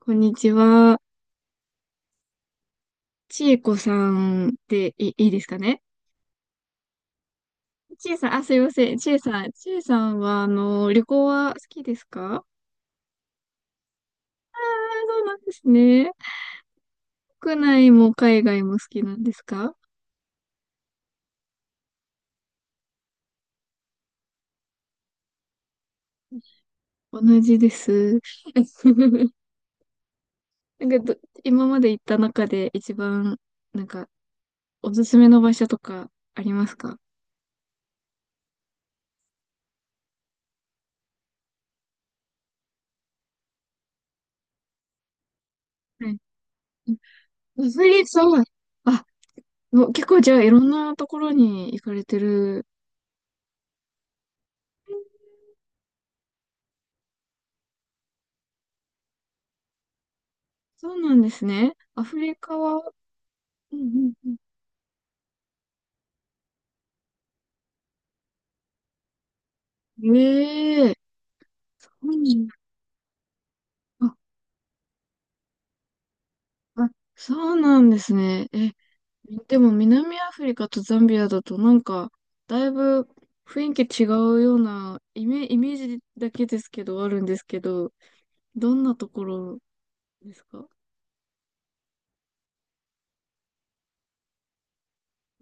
こんにちは。ちえこさんでいいですかね？ちえさん、あ、すいません。ちえさんは、旅行は好きですか？あ、そうなんですね。国内も海外も好きなんですか？同じです。なんかど、今まで行った中で一番、なんか、おすすめの場所とかありますか？はい。アフリカは、あ、もう結構じゃあいろんなところに行かれてる。そうなんですね。アフリカは、うん、うん、うん、ええ、うん、あ、あ、そうなんですね。え、でも南アフリカとザンビアだとなんか、だいぶ雰囲気違うようなイメージだけですけど、あるんですけど、どんなところですか？は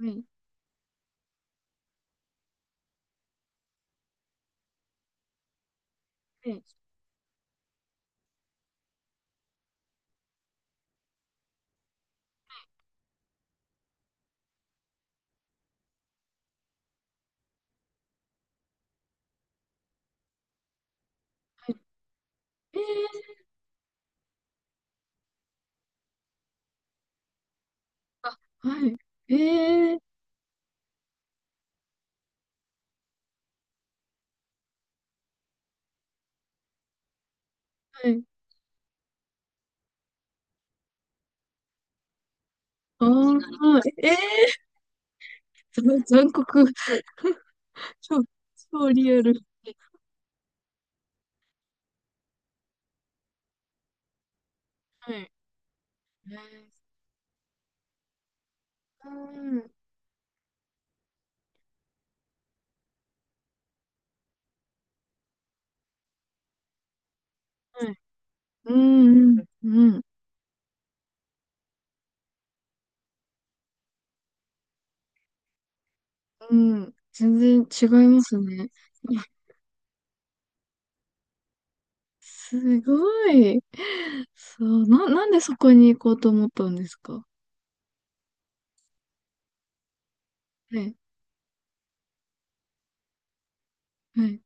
い。はい。はい。ええ、あ、はい。ええ、はい。あー、はい。ええ、ざ 残酷。超、超リアル。はい。はい。えうん。はい。うん、うん、うん。うん、全然違いますね。いや、すごい。そう、んでそこに行こうと思ったんですか？はい、はい。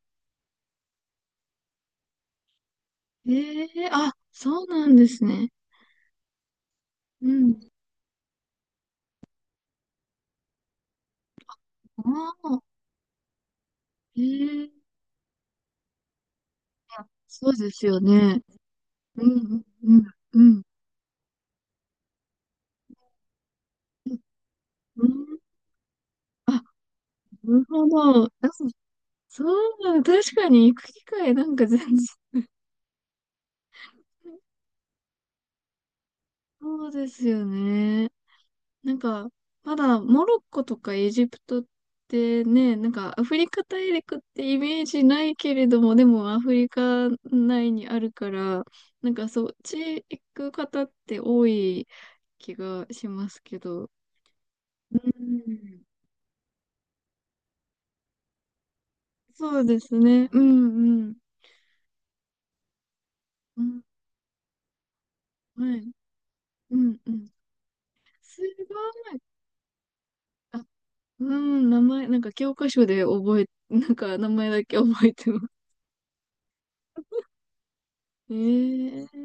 ええ、あ、そうなんですね。うん。ああ、ええ、あ、そうですよね。うん、うん、うん、うん。あ、なるほど。あ、そう、確かに行く機会なんか全然、そうですよね。なんか、まだモロッコとかエジプトってね、なんかアフリカ大陸ってイメージないけれども、でもアフリカ内にあるから、なんかそっち行く方って多い気がしますけど。うん。そうですね。うん、うん。うん、はい。うん、うん。すごい。あ、うん、名前、なんか教科書で覚え、なんか名前だけ覚えてます。ええ、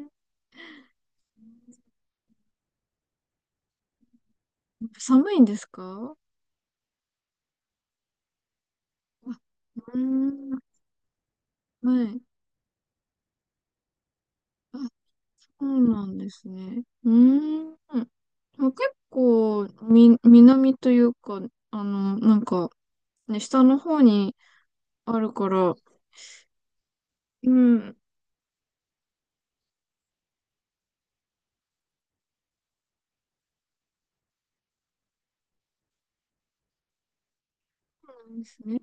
寒いんですか？うーん、はい。あ、そうなんですね。うーん。まあ結構、南というか、あの、なんか、ね、下の方にあるから、うん。そうなんですね。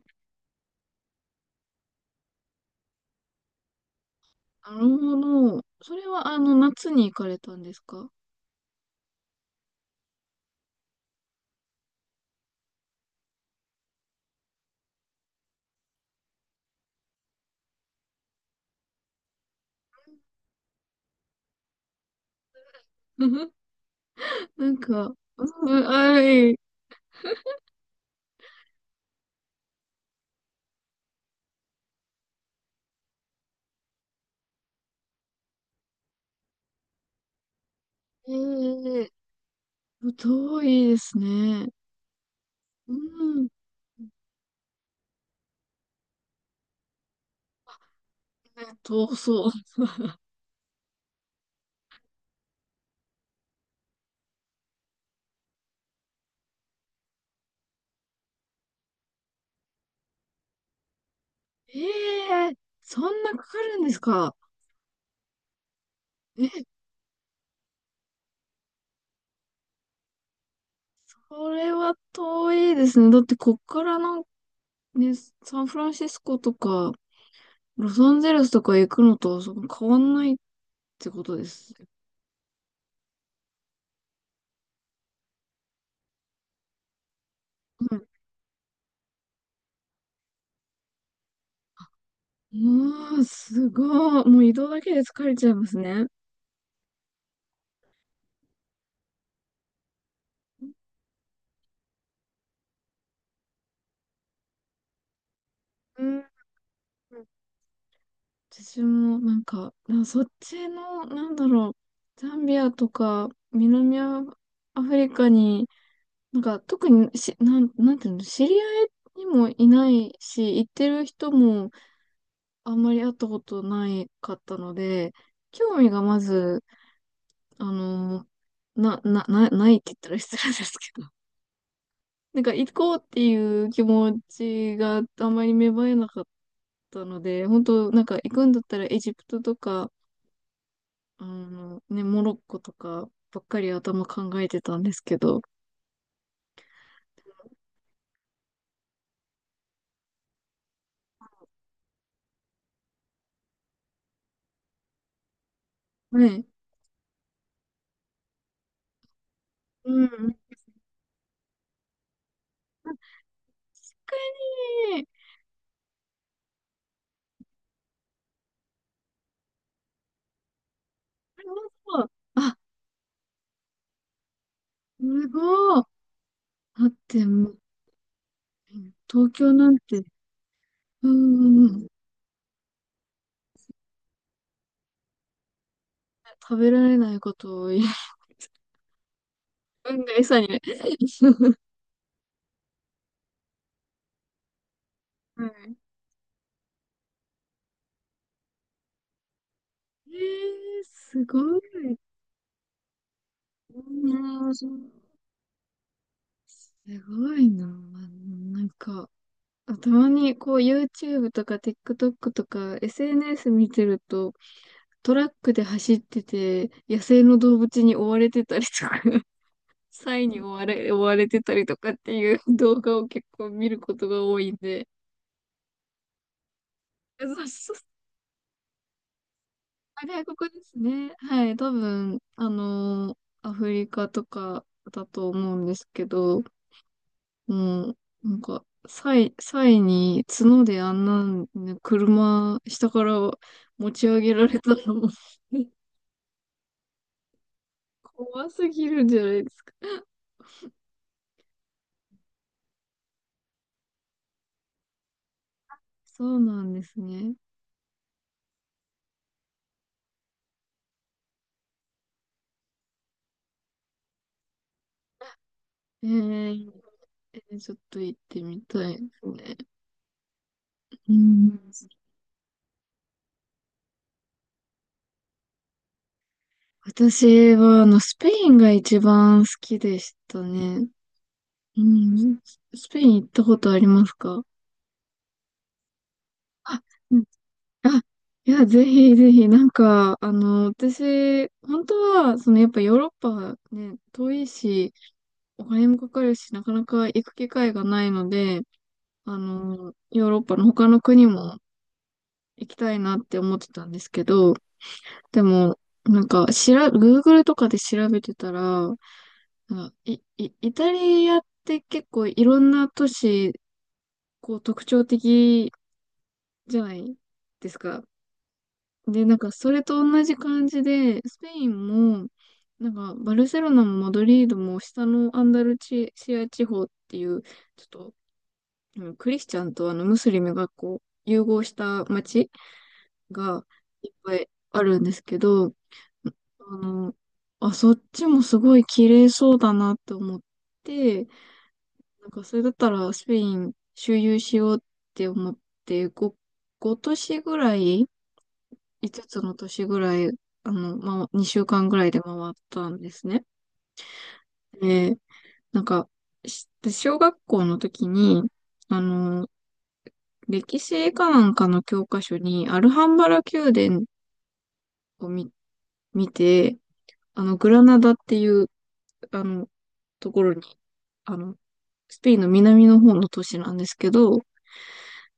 なるほど。それは、あの、夏に行かれたんですか？ なんか、うん、はい。ええ、遠いですね。うん。ね、遠そう。ええ、そんなかかるんですか？え、これは遠いですね。だってこっからなんかね、サンフランシスコとか、ロサンゼルスとか行くのとそん変わんないってことです。はい。うわー、すごい。もう移動だけで疲れちゃいますね。うん。私もなんか、そっちの、なんだろう、ザンビアとか南アフリカに、なんか特にし、なん、なんていうの、知り合いにもいないし、行ってる人もあんまり会ったことないかったので、興味がまず、あの、ないって言ったら失礼ですけど、なんか行こうっていう気持ちがあんまり芽生えなかったので、本当なんか行くんだったらエジプトとか、あの、ね、モロッコとかばっかり頭考えてたんですけど、はい。うん。確かに。なるほど。あ、すごい。だってもう、東京なんて、うん、うん、うん、食べられないことを言う、運が餌にね。はい。えー、すごい。うん。すごいな。なんか、たまにこう YouTube とか TikTok とか SNS 見てると、トラックで走ってて、野生の動物に追われてたりとか、サイに追われ、追われてたりとかっていう動画を結構見ることが多いんで、そうそう、外国ですね。はい、多分、アフリカとかだと思うんですけど、もう、なんか、サイに角であんな、ね、車、下から持ち上げられたらもう 怖すぎるんじゃないですか。そうなんですね。えー、ちょっと行ってみたいですね。うん、私は、あの、スペインが一番好きでしたね。うん、スペイン行ったことありますか？あ、うん、あ、いや、ぜひぜひ、なんか、あの、私、本当は、その、やっぱヨーロッパね、遠いし、お金もかかるし、なかなか行く機会がないので、あの、ヨーロッパの他の国も行きたいなって思ってたんですけど、でも、なんか、Google とかで調べてたら、なんかイタリアって結構いろんな都市、こう特徴的じゃないですか。で、なんかそれと同じ感じで、スペインも、なんかバルセロナもマドリードも下のアンダルチシア地方っていう、ちょっと、うん、クリスチャンとあのムスリムがこう融合した街がいっぱいあるんですけど、あの、あ、そっちもすごい綺麗そうだなって思って、なんかそれだったらスペイン周遊しようって思って、5、ごご都市ぐらい5つの都市ぐらい、あの、ま、2週間ぐらいで回ったんですね。で、なんか、小学校の時に、あの、歴史かなんかの教科書に、アルハンバラ宮殿を見て、あの、グラナダっていう、あの、ところに、あの、スペインの南の方の都市なんですけど、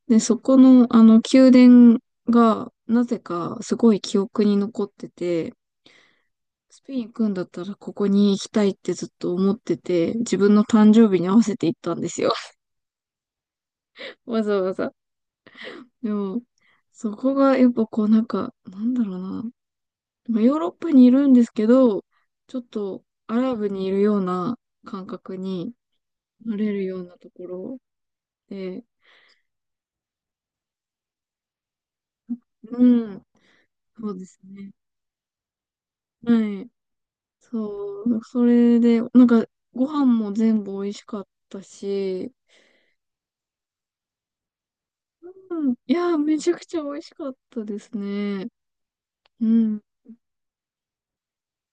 で、そこの、あの、宮殿が、なぜか、すごい記憶に残ってて、スペイン行くんだったらここに行きたいってずっと思ってて、自分の誕生日に合わせて行ったんですよ。わざわざ。でも、そこがやっぱこうなんか、なんだろうな。まあヨーロッパにいるんですけど、ちょっとアラブにいるような感覚になれるようなところで、うん、そうですね。はい。そう、それで、なんかご飯も全部美味しかったし、うん、いや、めちゃくちゃ美味しかったですね。うん。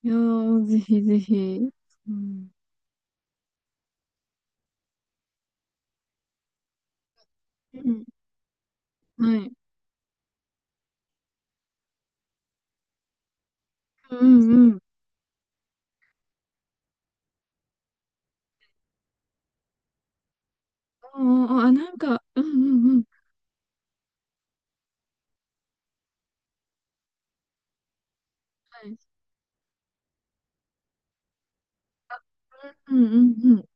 いやー、ぜひぜひ。うん。うん。はい。うん、うん、うん。あ、あ、なんか、うん、うん、うん。はい。うん、うん、うん。い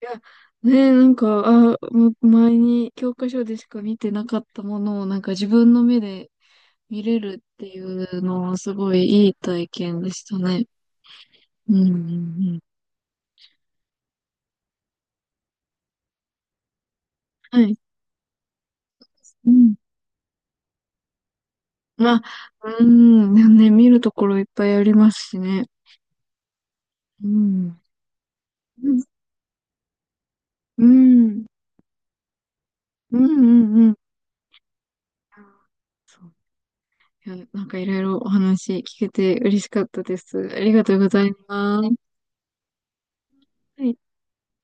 や、ねえ、なんか、あ、前に教科書でしか見てなかったものを、なんか自分の目で見れるっていうのは、すごいいい体験でしたね。うん、うん、うん。はい。うん。まあ、うん。ね、見るところいっぱいありますしね。うん。うん。うん。うん、うん、うん。そう、いや、なんかいろいろお話聞けて嬉しかったです。ありがとうございます。はい。